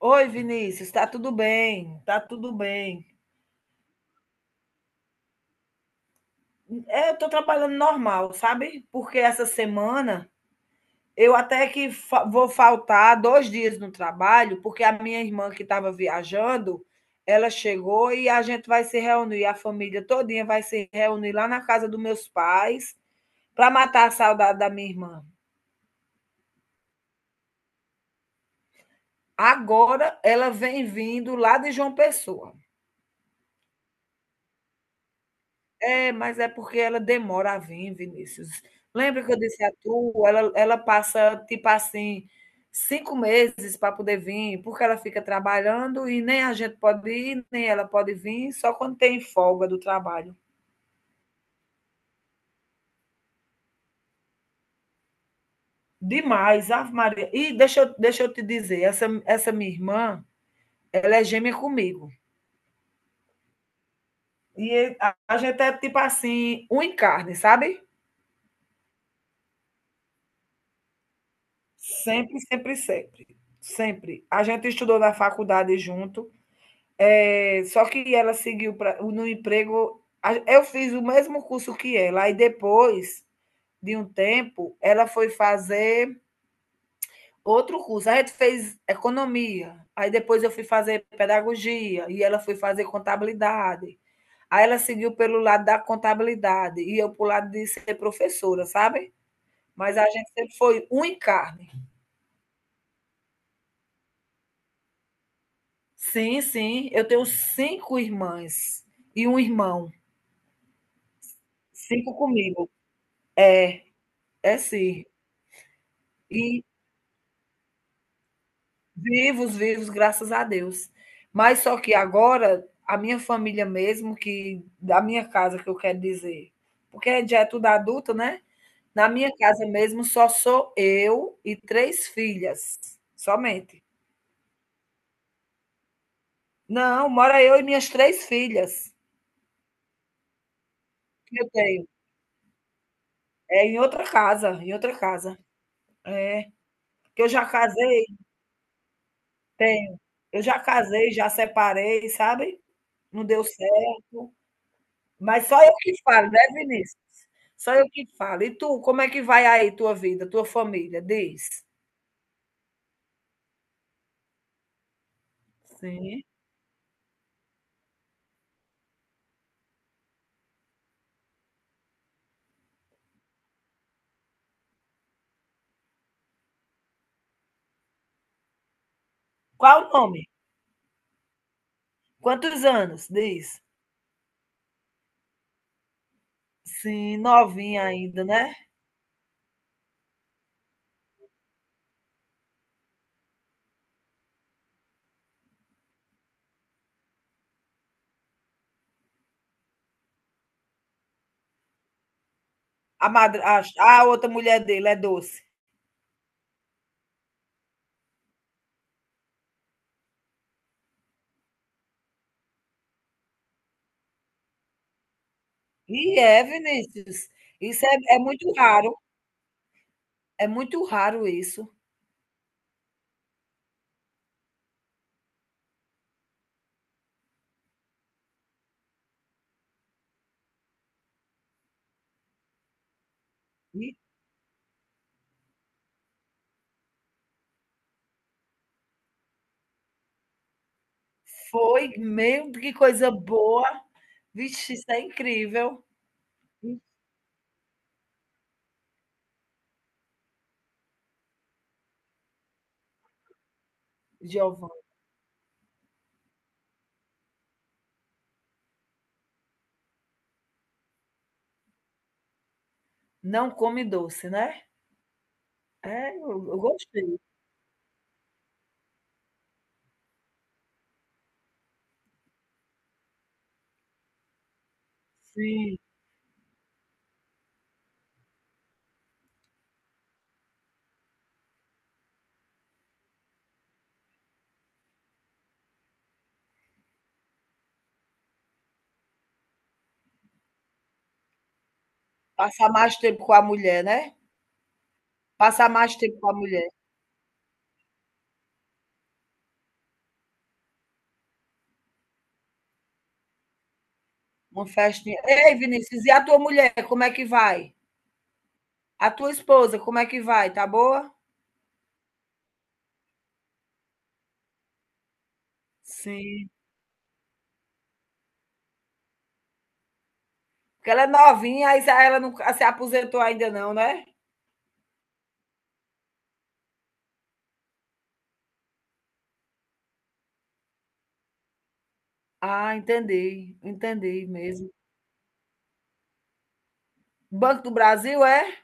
Oi, Vinícius, tá tudo bem? Tá tudo bem. É, eu tô trabalhando normal, sabe? Porque essa semana eu vou faltar 2 dias no trabalho, porque a minha irmã que estava viajando, ela chegou e a gente vai se reunir, a família todinha vai se reunir lá na casa dos meus pais para matar a saudade da minha irmã. Agora ela vem vindo lá de João Pessoa. É, mas é porque ela demora a vir, Vinícius. Lembra que eu disse a tu, ela passa, tipo assim, 5 meses para poder vir, porque ela fica trabalhando e nem a gente pode ir, nem ela pode vir, só quando tem folga do trabalho. Demais, Ave Maria. E deixa eu te dizer, essa minha irmã, ela é gêmea comigo. E a gente é tipo assim, um em carne, sabe? Sempre, sempre, sempre. Sempre. A gente estudou na faculdade junto. É, só que ela seguiu pra, no emprego. Eu fiz o mesmo curso que ela, e depois de um tempo, ela foi fazer outro curso. A gente fez economia, aí depois eu fui fazer pedagogia, e ela foi fazer contabilidade. Aí ela seguiu pelo lado da contabilidade, e eu para lado de ser professora, sabe? Mas a gente sempre foi um em carne. Sim, sim, eu tenho cinco irmãs e um irmão, cinco comigo. É. É sim. E vivos, vivos, graças a Deus. Mas só que agora, a minha família mesmo, que da minha casa que eu quero dizer, porque já é tudo adulto, né? Na minha casa mesmo só sou eu e 3 filhas, somente. Não, mora eu e minhas 3 filhas que eu tenho. É em outra casa, em outra casa. Que eu já casei tenho. Eu já casei, já separei, sabe? Não deu certo. Mas só eu que falo, né, Vinícius? Só eu que falo. E tu, como é que vai aí tua vida, tua família? Diz. Sim. Qual o nome? Quantos anos? Diz. Sim, novinha ainda, né? A, madr... a outra mulher dele é doce. E é, Vinícius. Isso é, é muito raro. É muito raro isso. E foi, meu, que coisa boa. Vixe, isso é incrível. Giovanni, não come doce, né? É, eu, eu gostei. Sim. Passar mais tempo com a mulher, né? Passar mais tempo com a mulher. Uma festinha. Ei, Vinícius, e a tua mulher, como é que vai? A tua esposa, como é que vai? Tá boa? Sim. Porque ela é novinha, aí ela não se aposentou ainda não, né? Ah, entendi. Entendi mesmo. Banco do Brasil é?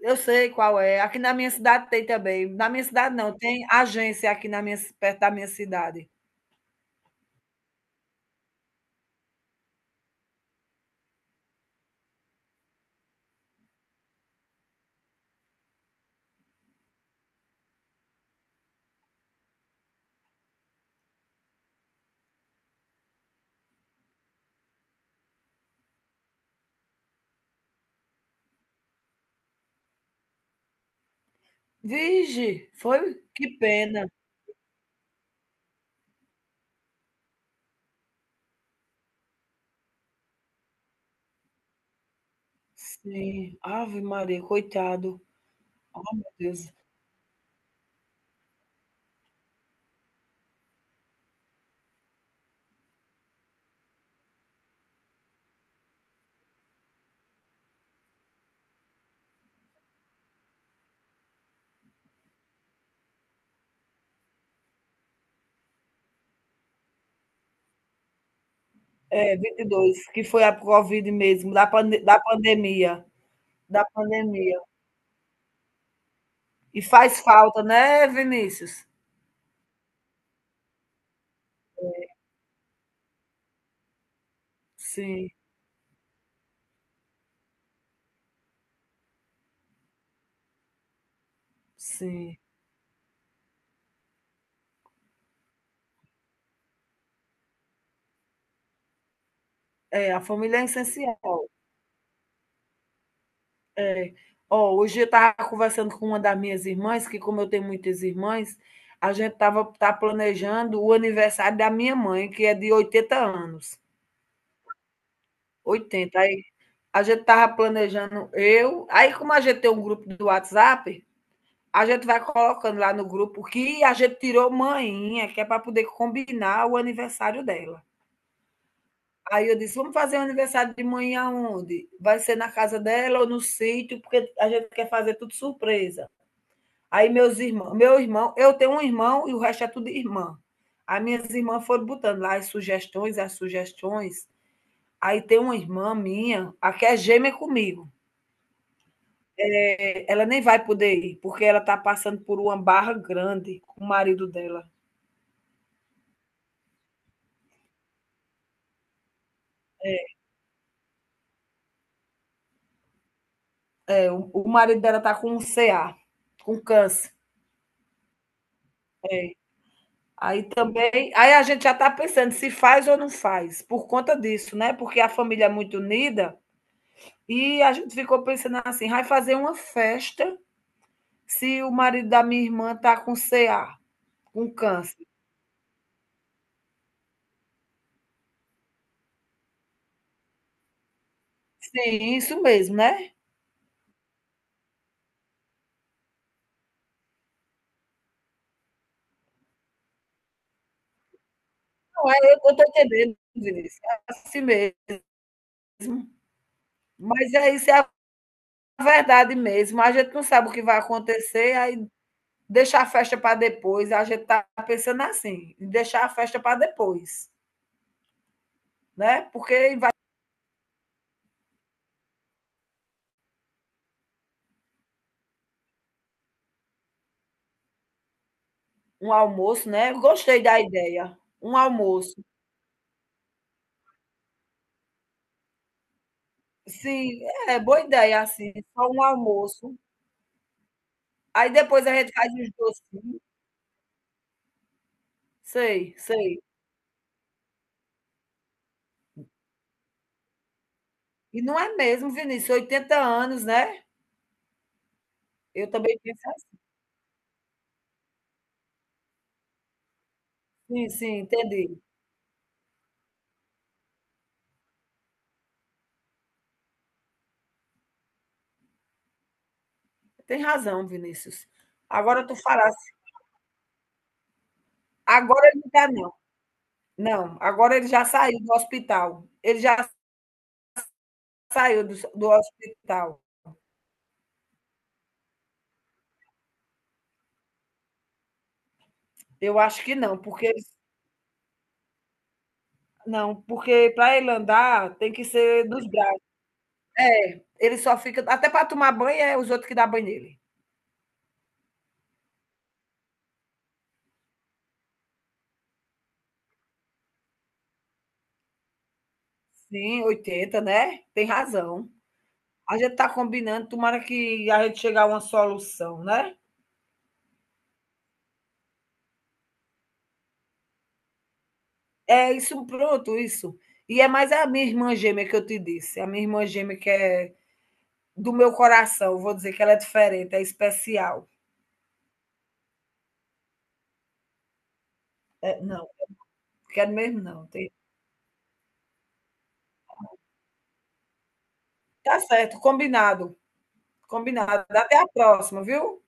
Eu sei qual é. Aqui na minha cidade tem também. Na minha cidade não, tem agência aqui na minha, perto da minha cidade. Vige, foi? Que pena. Sim. Ave Maria, coitado. Oh, meu Deus. É, 22, que foi a Covid mesmo, da, pande da pandemia. Da pandemia. E faz falta, né, Vinícius? Sim, sim. É, a família é essencial. É. Ó, hoje eu estava conversando com uma das minhas irmãs, que como eu tenho muitas irmãs, a gente estava tá planejando o aniversário da minha mãe, que é de 80 anos. 80. Aí a gente estava planejando eu. Aí, como a gente tem um grupo do WhatsApp, a gente vai colocando lá no grupo que a gente tirou manhinha, que é para poder combinar o aniversário dela. Aí eu disse, vamos fazer o aniversário de manhã aonde? Vai ser na casa dela ou no sítio, porque a gente quer fazer tudo surpresa. Aí meus irmãos, meu irmão, eu tenho um irmão e o resto é tudo irmã. As minhas irmãs foram botando lá as sugestões, as sugestões. Aí tem uma irmã minha, a que é gêmea comigo. É, ela nem vai poder ir, porque ela está passando por uma barra grande com o marido dela. O marido dela tá com um CA, com câncer. Aí também, aí a gente já está pensando se faz ou não faz, por conta disso, né? Porque a família é muito unida e a gente ficou pensando assim, vai fazer uma festa se o marido da minha irmã tá com CA, com câncer. Sim, isso mesmo, né? Não é, eu estou entendendo, Vinícius, é assim mesmo. Mas é isso, é a verdade mesmo. A gente não sabe o que vai acontecer, aí deixar a festa para depois, a gente está pensando assim, deixar a festa para depois, né? Porque vai um almoço, né? Gostei da ideia. Um almoço. Sim, é boa ideia, assim, só um almoço. Aí depois a gente faz os docinhos. Sei, sei. E não é mesmo, Vinícius, 80 anos, né? Eu também penso assim, sim, entendi. Tem razão, Vinícius. Agora tu falasse. Agora ele não tá, não. Não, agora ele já saiu do hospital. Ele já saiu do hospital. Eu acho que não, porque eles não, porque para ele andar tem que ser dos braços. Ele só fica até para tomar banho é os outros que dá banho nele. Sim, 80 né, tem razão. A gente tá combinando, tomara que a gente chegar a uma solução, né. É isso, pronto, isso. E é mais a minha irmã gêmea que eu te disse, a minha irmã gêmea que é do meu coração, vou dizer que ela é diferente, é especial. É, não, quero mesmo não, tem tá certo, combinado. Combinado. Até a próxima, viu?